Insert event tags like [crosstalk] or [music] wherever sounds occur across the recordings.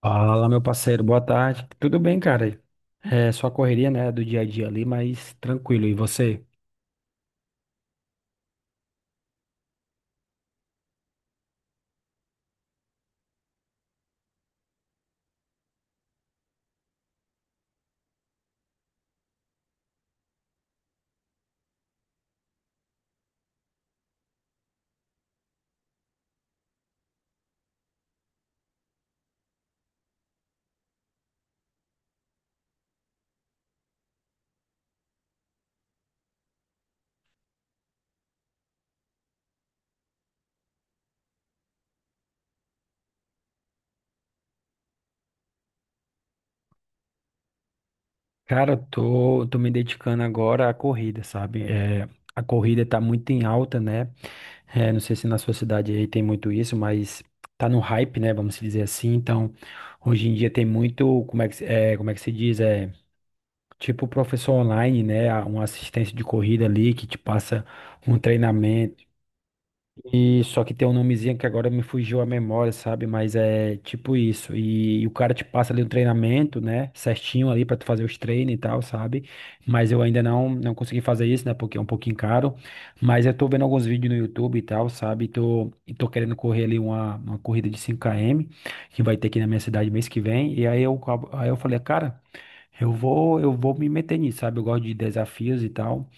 Fala, meu parceiro, boa tarde. Tudo bem, cara? É só correria, né, do dia a dia ali, mas tranquilo. E você? Cara, eu tô me dedicando agora à corrida, sabe? A corrida tá muito em alta, né? É, não sei se na sua cidade aí tem muito isso, mas tá no hype, né? Vamos dizer assim. Então, hoje em dia tem muito, como é que se diz? É, tipo professor online, né? Uma assistência de corrida ali que te passa um treinamento. E só que tem um nomezinho que agora me fugiu a memória, sabe? Mas é tipo isso. E o cara te passa ali um treinamento, né? Certinho ali pra tu fazer os treinos e tal, sabe? Mas eu ainda não consegui fazer isso, né? Porque é um pouquinho caro. Mas eu tô vendo alguns vídeos no YouTube e tal, sabe? E tô querendo correr ali uma corrida de 5 km que vai ter aqui na minha cidade mês que vem. Aí eu falei, cara, eu vou me meter nisso, sabe? Eu gosto de desafios e tal.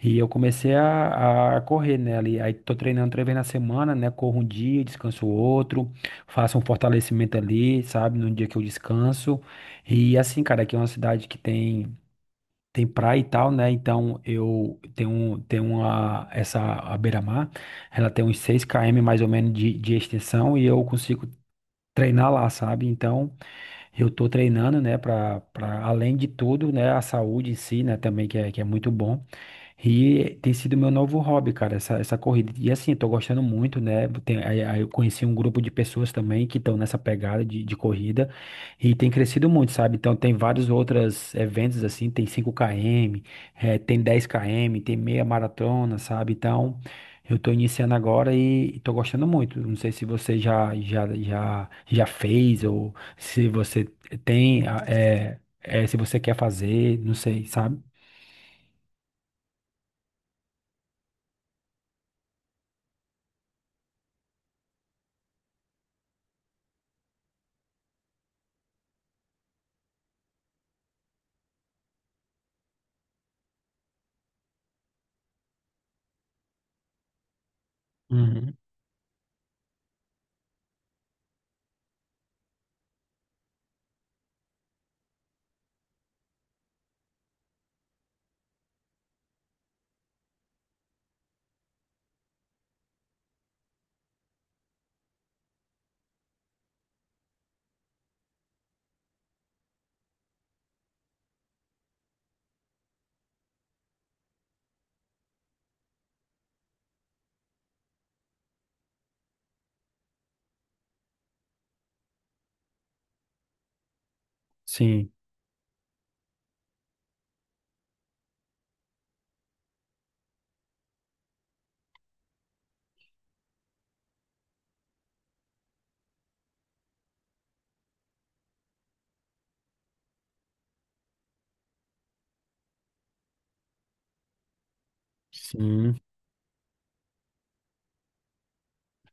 E eu comecei a correr, né, ali. Aí tô treinando 3 vezes na semana, né? Corro um dia, descanso outro, faço um fortalecimento ali, sabe? No dia que eu descanso. E assim, cara, aqui é uma cidade que tem praia e tal, né? Então eu essa a beira-mar, ela tem uns 6 km mais ou menos de extensão e eu consigo treinar lá, sabe? Então eu tô treinando, né, para além de tudo, né, a saúde em si, né, também que é muito bom. E tem sido meu novo hobby, cara, essa corrida. E assim, eu tô gostando muito, né? Aí eu conheci um grupo de pessoas também que estão nessa pegada de corrida e tem crescido muito, sabe? Então tem vários outros eventos assim, tem 5 km tem 10 km tem meia maratona, sabe? Então eu tô iniciando agora e tô gostando muito. Não sei se você já fez ou se você tem, ah, eh, eh, se você quer fazer, não sei, sabe? Uhum. Sim. Sim.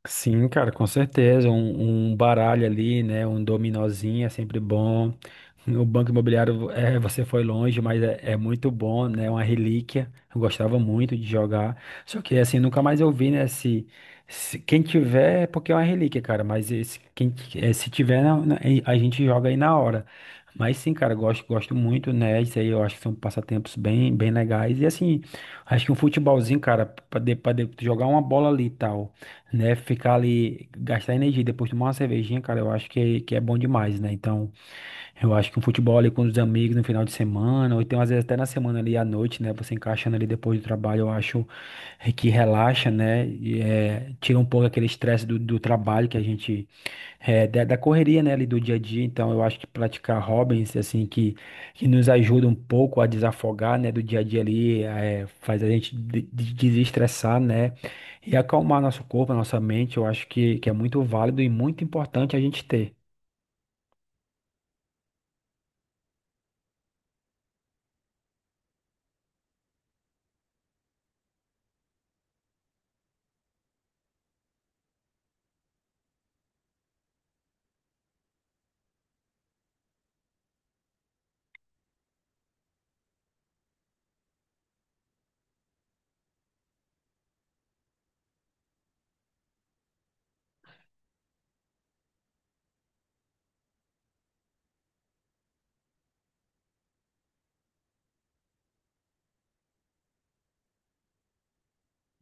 Sim, cara, com certeza. Um baralho ali, né? Um dominozinho é sempre bom. O Banco Imobiliário, é, você foi longe, mas é muito bom, né? Uma relíquia. Eu gostava muito de jogar. Só que, assim, nunca mais eu vi, né? Quem tiver, é porque é uma relíquia, cara. Mas esse, se tiver, a gente joga aí na hora. Mas sim, cara, eu gosto, gosto muito, né? Isso aí eu acho que são passatempos bem, bem legais. E assim, acho que um futebolzinho, cara, pra jogar uma bola ali e tal, né? Ficar ali, gastar energia, e depois tomar uma cervejinha, cara, eu acho que é bom demais, né? Então, eu acho que um futebol ali com os amigos no final de semana, ou então às vezes até na semana ali à noite, né? Você encaixando ali depois do trabalho, eu acho que relaxa, né? E tira um pouco aquele estresse do trabalho que a gente, da correria, né? Ali do dia a dia. Então, eu acho que praticar hobbies, assim, que nos ajuda um pouco a desafogar, né? Do dia a dia ali, é, faz a gente desestressar, né? E acalmar nosso corpo, nossa mente, eu acho que é muito válido e muito importante a gente ter.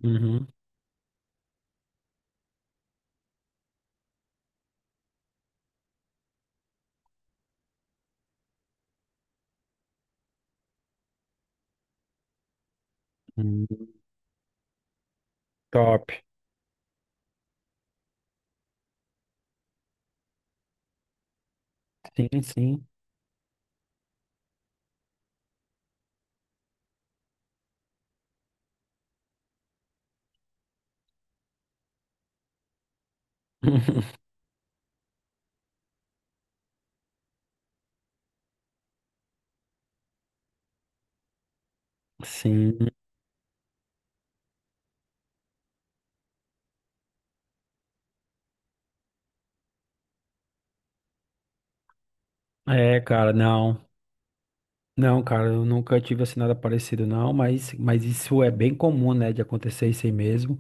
Uhum. Hum. Top. Sim, sim. [laughs] Sim. É, cara, não. Não, cara, eu nunca tive assim nada parecido, não, mas isso é bem comum, né, de acontecer isso aí mesmo.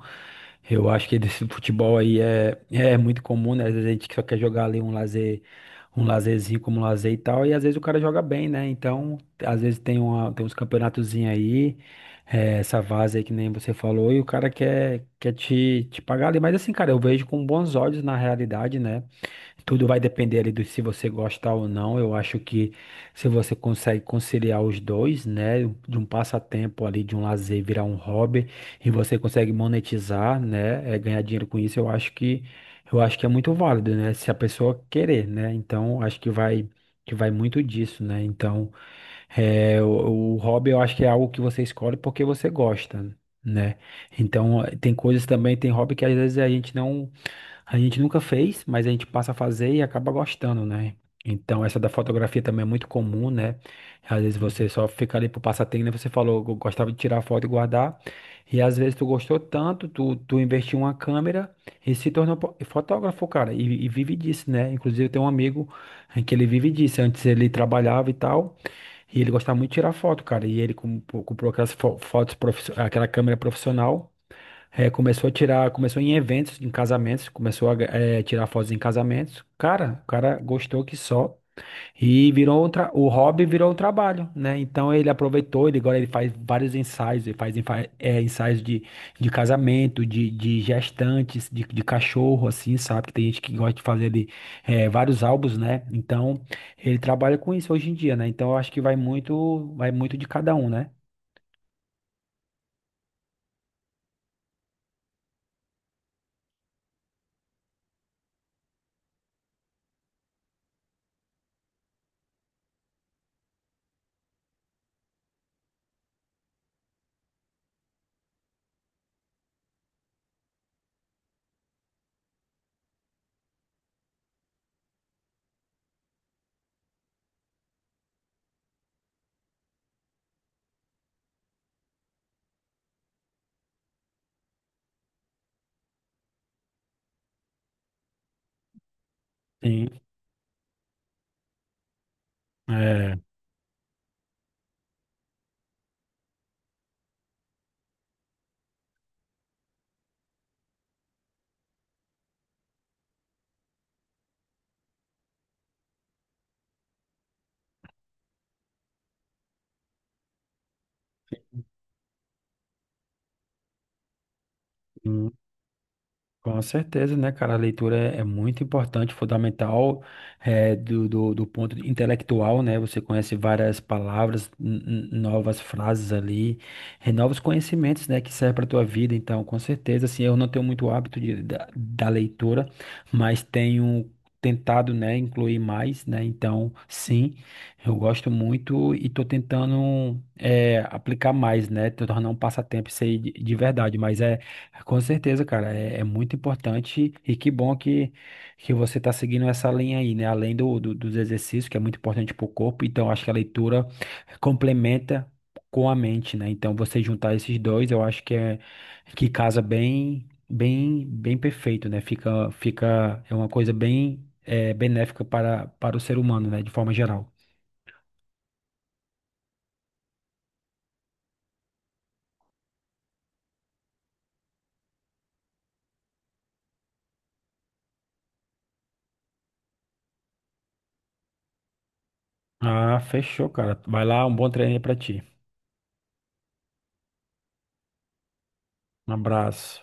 Eu acho que desse futebol aí é muito comum, né? Às vezes a gente só quer jogar ali um lazer, um lazerzinho como lazer e tal, e às vezes o cara joga bem, né? Então, às vezes tem uns campeonatozinhos aí, é, essa vaza aí que nem você falou, e o cara quer te, te pagar ali. Mas assim, cara, eu vejo com bons olhos na realidade, né? Tudo vai depender ali do se você gosta ou não. Eu acho que se você consegue conciliar os dois, né, de um passatempo ali, de um lazer virar um hobby e você consegue monetizar, né, é, ganhar dinheiro com isso, eu acho que é muito válido, né, se a pessoa querer, né. Então, acho que vai muito disso, né. Então, é, o hobby eu acho que é algo que você escolhe porque você gosta, né. Então, tem coisas também, tem hobby que às vezes a gente nunca fez, mas a gente passa a fazer e acaba gostando, né? Então, essa da fotografia também é muito comum, né? Às vezes você só fica ali pro passatempo, né? Você falou, eu gostava de tirar foto e guardar. E às vezes tu gostou tanto, tu investiu em uma câmera e se tornou fotógrafo, cara. E vive disso, né? Inclusive, eu tenho um amigo que ele vive disso. Antes ele trabalhava e tal. E ele gostava muito de tirar foto, cara. E ele pô, comprou aquela câmera profissional. É, começou a tirar, começou em eventos, em casamentos, começou a tirar fotos em casamentos. Cara, o cara gostou que só. E virou um o hobby virou um trabalho, né? Então ele aproveitou, ele agora ele faz vários ensaios, ele faz ensaios de casamento, de gestantes, de cachorro, assim, sabe? Que tem gente que gosta de fazer ali vários álbuns, né? Então ele trabalha com isso hoje em dia, né? Então eu acho que vai muito de cada um, né? Sim. É. Com certeza, né, cara? A leitura é muito importante, fundamental, é, do ponto intelectual, né? Você conhece várias palavras, novas frases ali, e novos conhecimentos, né, que servem para tua vida. Então, com certeza, assim, eu não tenho muito hábito da leitura, mas tenho tentado, né, incluir mais, né? Então, sim, eu gosto muito e tô tentando, é, aplicar mais, né? Tô tornando um passatempo isso aí de verdade, mas é. Com certeza, cara, é muito importante e que bom que você está seguindo essa linha aí, né? Além do dos exercícios, que é muito importante para o corpo, então acho que a leitura complementa com a mente, né? Então você juntar esses dois, eu acho que casa bem perfeito, né? Fica é uma coisa bem benéfica para o ser humano, né? De forma geral. Ah, fechou, cara. Vai lá, um bom treino aí para ti. Um abraço.